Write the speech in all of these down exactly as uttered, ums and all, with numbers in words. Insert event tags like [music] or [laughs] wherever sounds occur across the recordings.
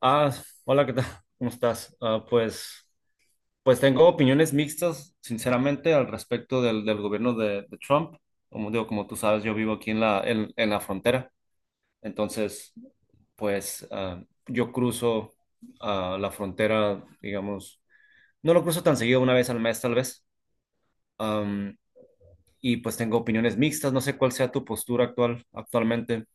Ah, Hola, ¿qué tal? [laughs] ¿Cómo estás? Ah, pues, pues tengo opiniones mixtas, sinceramente, al respecto del, del gobierno de, de Trump. Como digo, como tú sabes, yo vivo aquí en la, en, en la frontera. Entonces, pues ah, yo cruzo ah, la frontera, digamos, no lo cruzo tan seguido, una vez al mes tal vez. Am, y pues tengo opiniones mixtas, no sé cuál sea tu postura actual, actualmente.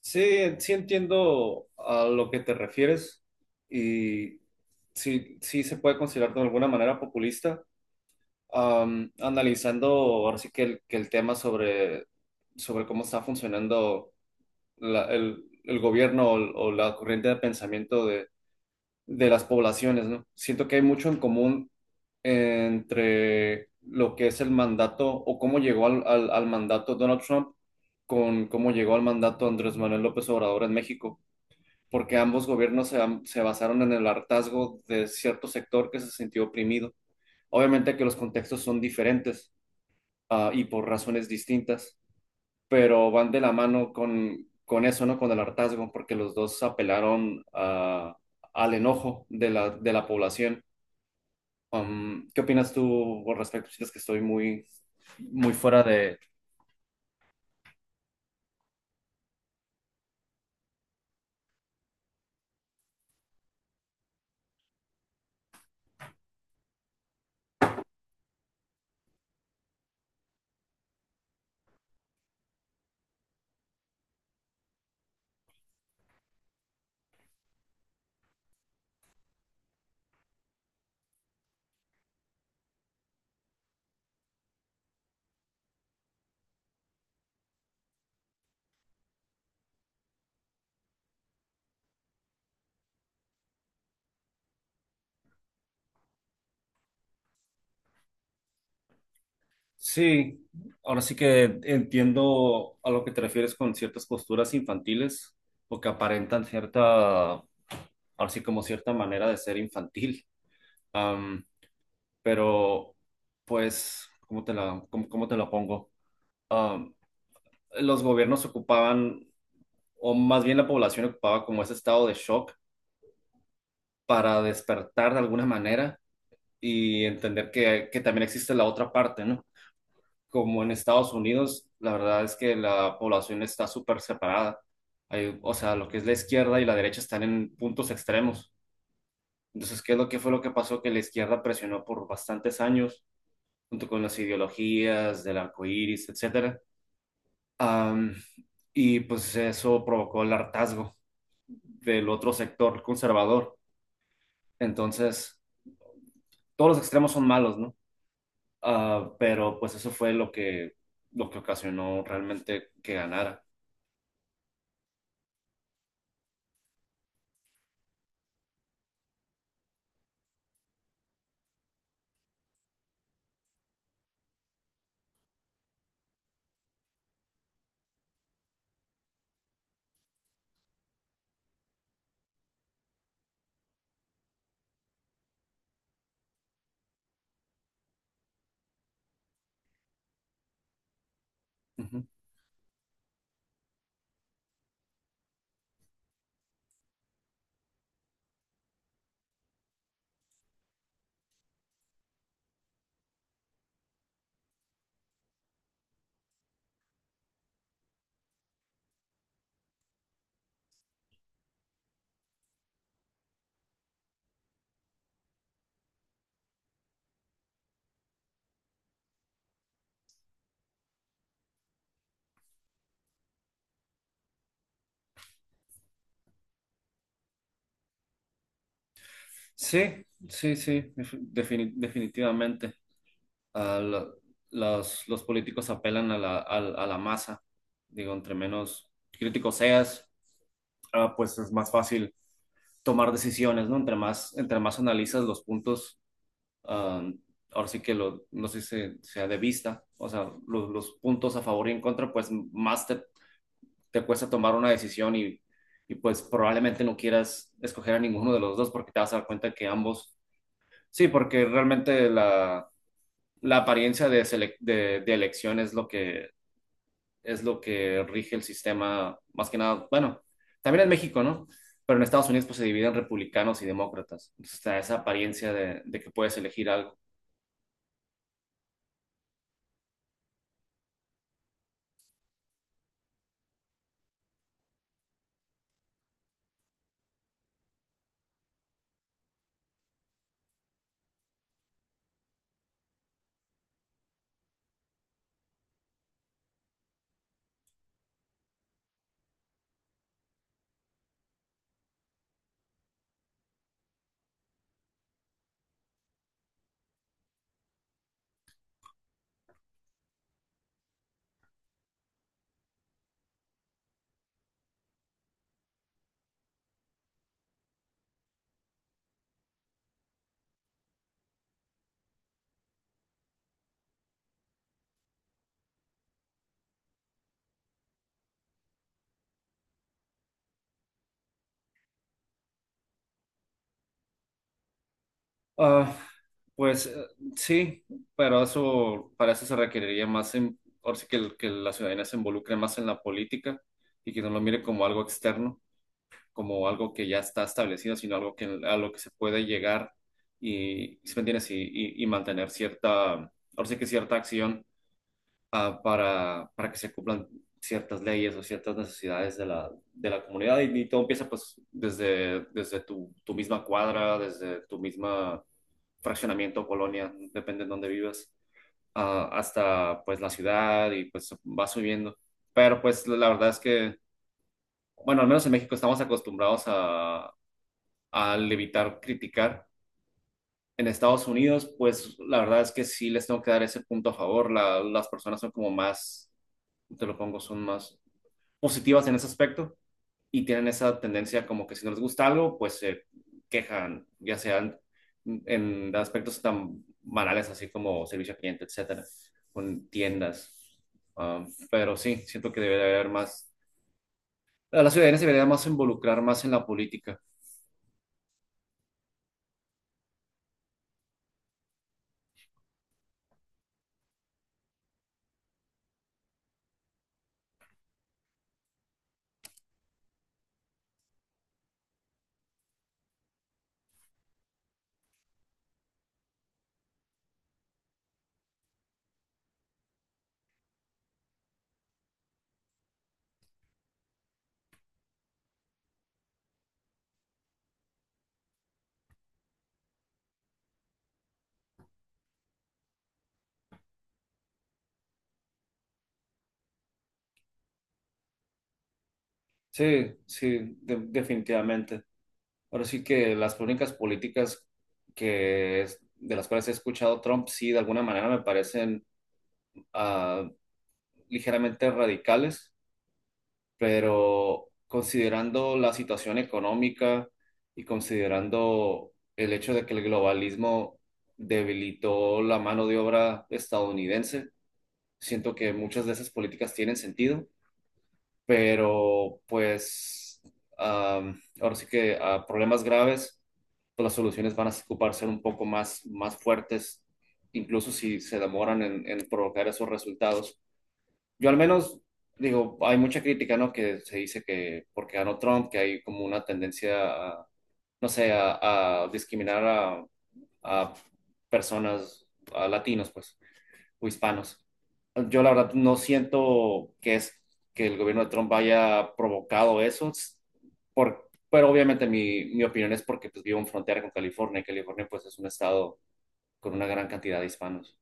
Sí, sí entiendo a lo que te refieres y sí, sí se puede considerar de alguna manera populista. Am, analizando ahora sí que el, que el tema sobre, sobre cómo está funcionando la- el, el gobierno o, o la corriente de pensamiento de, de las poblaciones, ¿no? Siento que hay mucho en común entre lo que es el mandato o cómo llegó al, al al mandato Donald Trump con cómo llegó al mandato Andrés Manuel López Obrador en México porque ambos gobiernos se, se basaron en el hartazgo de cierto sector que se sintió oprimido. Obviamente que los contextos son diferentes, ah, y por razones distintas, pero van de la mano con, con eso, ¿no? Con el hartazgo, porque los dos apelaron a- al enojo de la, de la población. Um, ¿qué opinas tú al respecto? ¿Sientes que estoy muy, muy fuera de? Sí, ahora sí que entiendo a lo que te refieres con ciertas posturas infantiles porque aparentan cierta, ahora sí como cierta manera de ser infantil. Am, pero, pues, ¿cómo te la, cómo, cómo te la pongo? Am, los gobiernos ocupaban, o más bien la población ocupaba como ese estado de shock para despertar de alguna manera y entender que, que también existe la otra parte, ¿no? Como en Estados Unidos, la verdad es que la población está súper separada. Hay- o sea, lo que es la izquierda y la derecha están en puntos extremos. Entonces, ¿qué es lo que fue lo que pasó? Que la izquierda presionó por bastantes años, junto con las ideologías del arco iris, etcétera. Am, y pues eso provocó el hartazgo del otro sector conservador. Entonces, todos los extremos son malos, ¿no? Ah, pero pues eso fue lo que, lo que ocasionó realmente que ganara. Ujú. Sí, sí, sí, def- defini- definitivamente. Ah, lo- los, los políticos apelan a la, al- a la masa. Digo, entre menos crítico seas, ah, pues es más fácil tomar decisiones, ¿no? Entre más, entre más analizas los puntos, ah, ahora sí que lo, no sé si se- sea de vista, o sea, lo- los puntos a favor y en contra, pues más te, te cuesta tomar una decisión y, y pues probablemente no quieras escoger a ninguno de los dos porque te vas a dar cuenta que ambos. Sí, porque realmente la, la apariencia de, selec- de, de elección es lo que, es lo que rige el sistema, más que nada, bueno, también en México, ¿no? Pero en Estados Unidos pues se dividen republicanos y demócratas. Entonces está esa apariencia de, de que puedes elegir algo. Ah, pues eh, sí, pero eso, para eso se requeriría más, en, ahora sí que, el- que la ciudadanía se involucre más en la política y que no lo mire como algo externo, como algo que ya está establecido, sino algo que, a lo que se puede llegar y, ¿sí me entiendes? Y, y- y mantener cierta, ahora sí que cierta acción ah, para, para que se cumplan ciertas leyes o ciertas necesidades de la, de la comunidad. Y, y todo empieza pues desde, desde tu, tu misma cuadra, desde tu misma fraccionamiento, colonia, depende de dónde vivas, ah, hasta pues la ciudad y pues va subiendo. Pero pues la verdad es que bueno, al menos en México estamos acostumbrados a, al evitar criticar. En Estados Unidos, pues la verdad es que sí les tengo que dar ese punto a favor. La- las personas son como más, te lo pongo, son más positivas en ese aspecto y tienen esa tendencia como que si no les gusta algo, pues se quejan, ya sean en aspectos tan banales así como servicio al cliente, etcétera, con tiendas. Ah, pero sí, siento que debería haber más, la ciudadanía se debería más involucrar más en la política. Sí, sí, de- definitivamente. Ahora sí que las únicas políticas que es- de las cuales he escuchado Trump, sí, de alguna manera me parecen ah, ligeramente radicales, pero considerando la situación económica y considerando el hecho de que el globalismo debilitó la mano de obra estadounidense, siento que muchas de esas políticas tienen sentido, pero pues am, ahora sí que a problemas graves, pues las soluciones van a ocupar ser un poco más, más fuertes, incluso si se demoran en, en provocar esos resultados. Yo al menos digo, hay mucha crítica, ¿no? Que se dice que porque ganó Trump, que hay como una tendencia a, no sé, a, a discriminar a, a personas, a latinos, pues o hispanos. Yo la verdad no siento que es que el gobierno de Trump haya provocado eso, s- por, pero obviamente mi, mi opinión es porque pues, vivo en frontera con California y California pues es un estado con una gran cantidad de hispanos.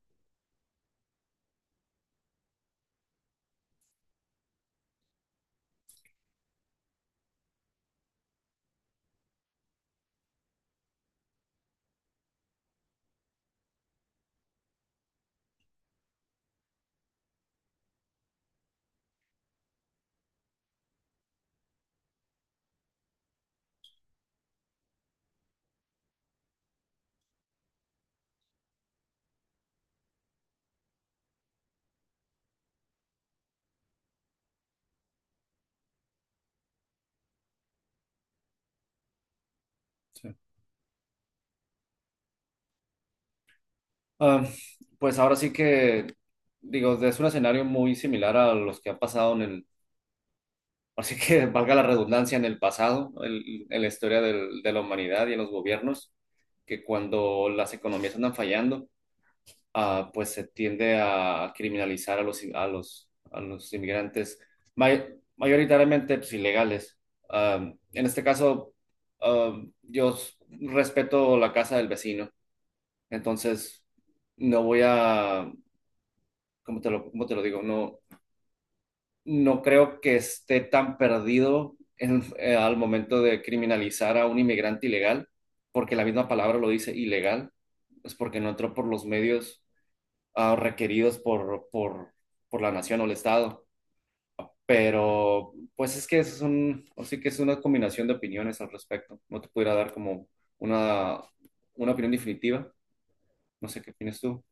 Sí. Ah, pues ahora sí que, digo, es un escenario muy similar a los que han pasado en el, así que [laughs] valga la redundancia, en el pasado, el- en la historia del- de la humanidad y en los gobiernos, que cuando las economías andan fallando, ah, pues se tiende a criminalizar a los, a los, a los inmigrantes may- mayoritariamente pues, ilegales. Am, en este caso, am, yo s- respeto la casa del vecino, entonces no voy a, ¿cómo te lo, cómo te lo digo? No, no creo que esté tan perdido en- eh, al momento de criminalizar a un inmigrante ilegal, porque la misma palabra lo dice, ilegal, es porque no entró por los medios ah, requeridos por, por, por la nación o el Estado. Pero pues es que eso es un, o sí que es una combinación de opiniones al respecto. No te pudiera dar como una, una opinión definitiva. No sé qué opinas tú.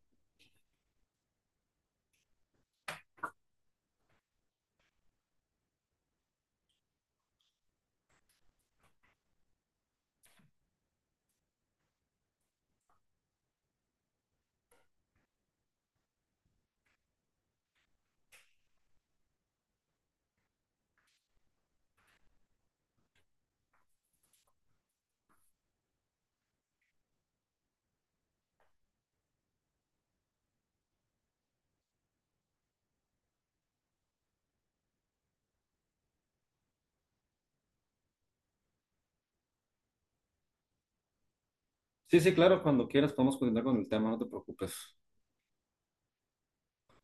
Sí, sí, claro, cuando quieras podemos continuar con el tema, no te preocupes.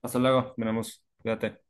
Hasta luego, miramos, cuídate.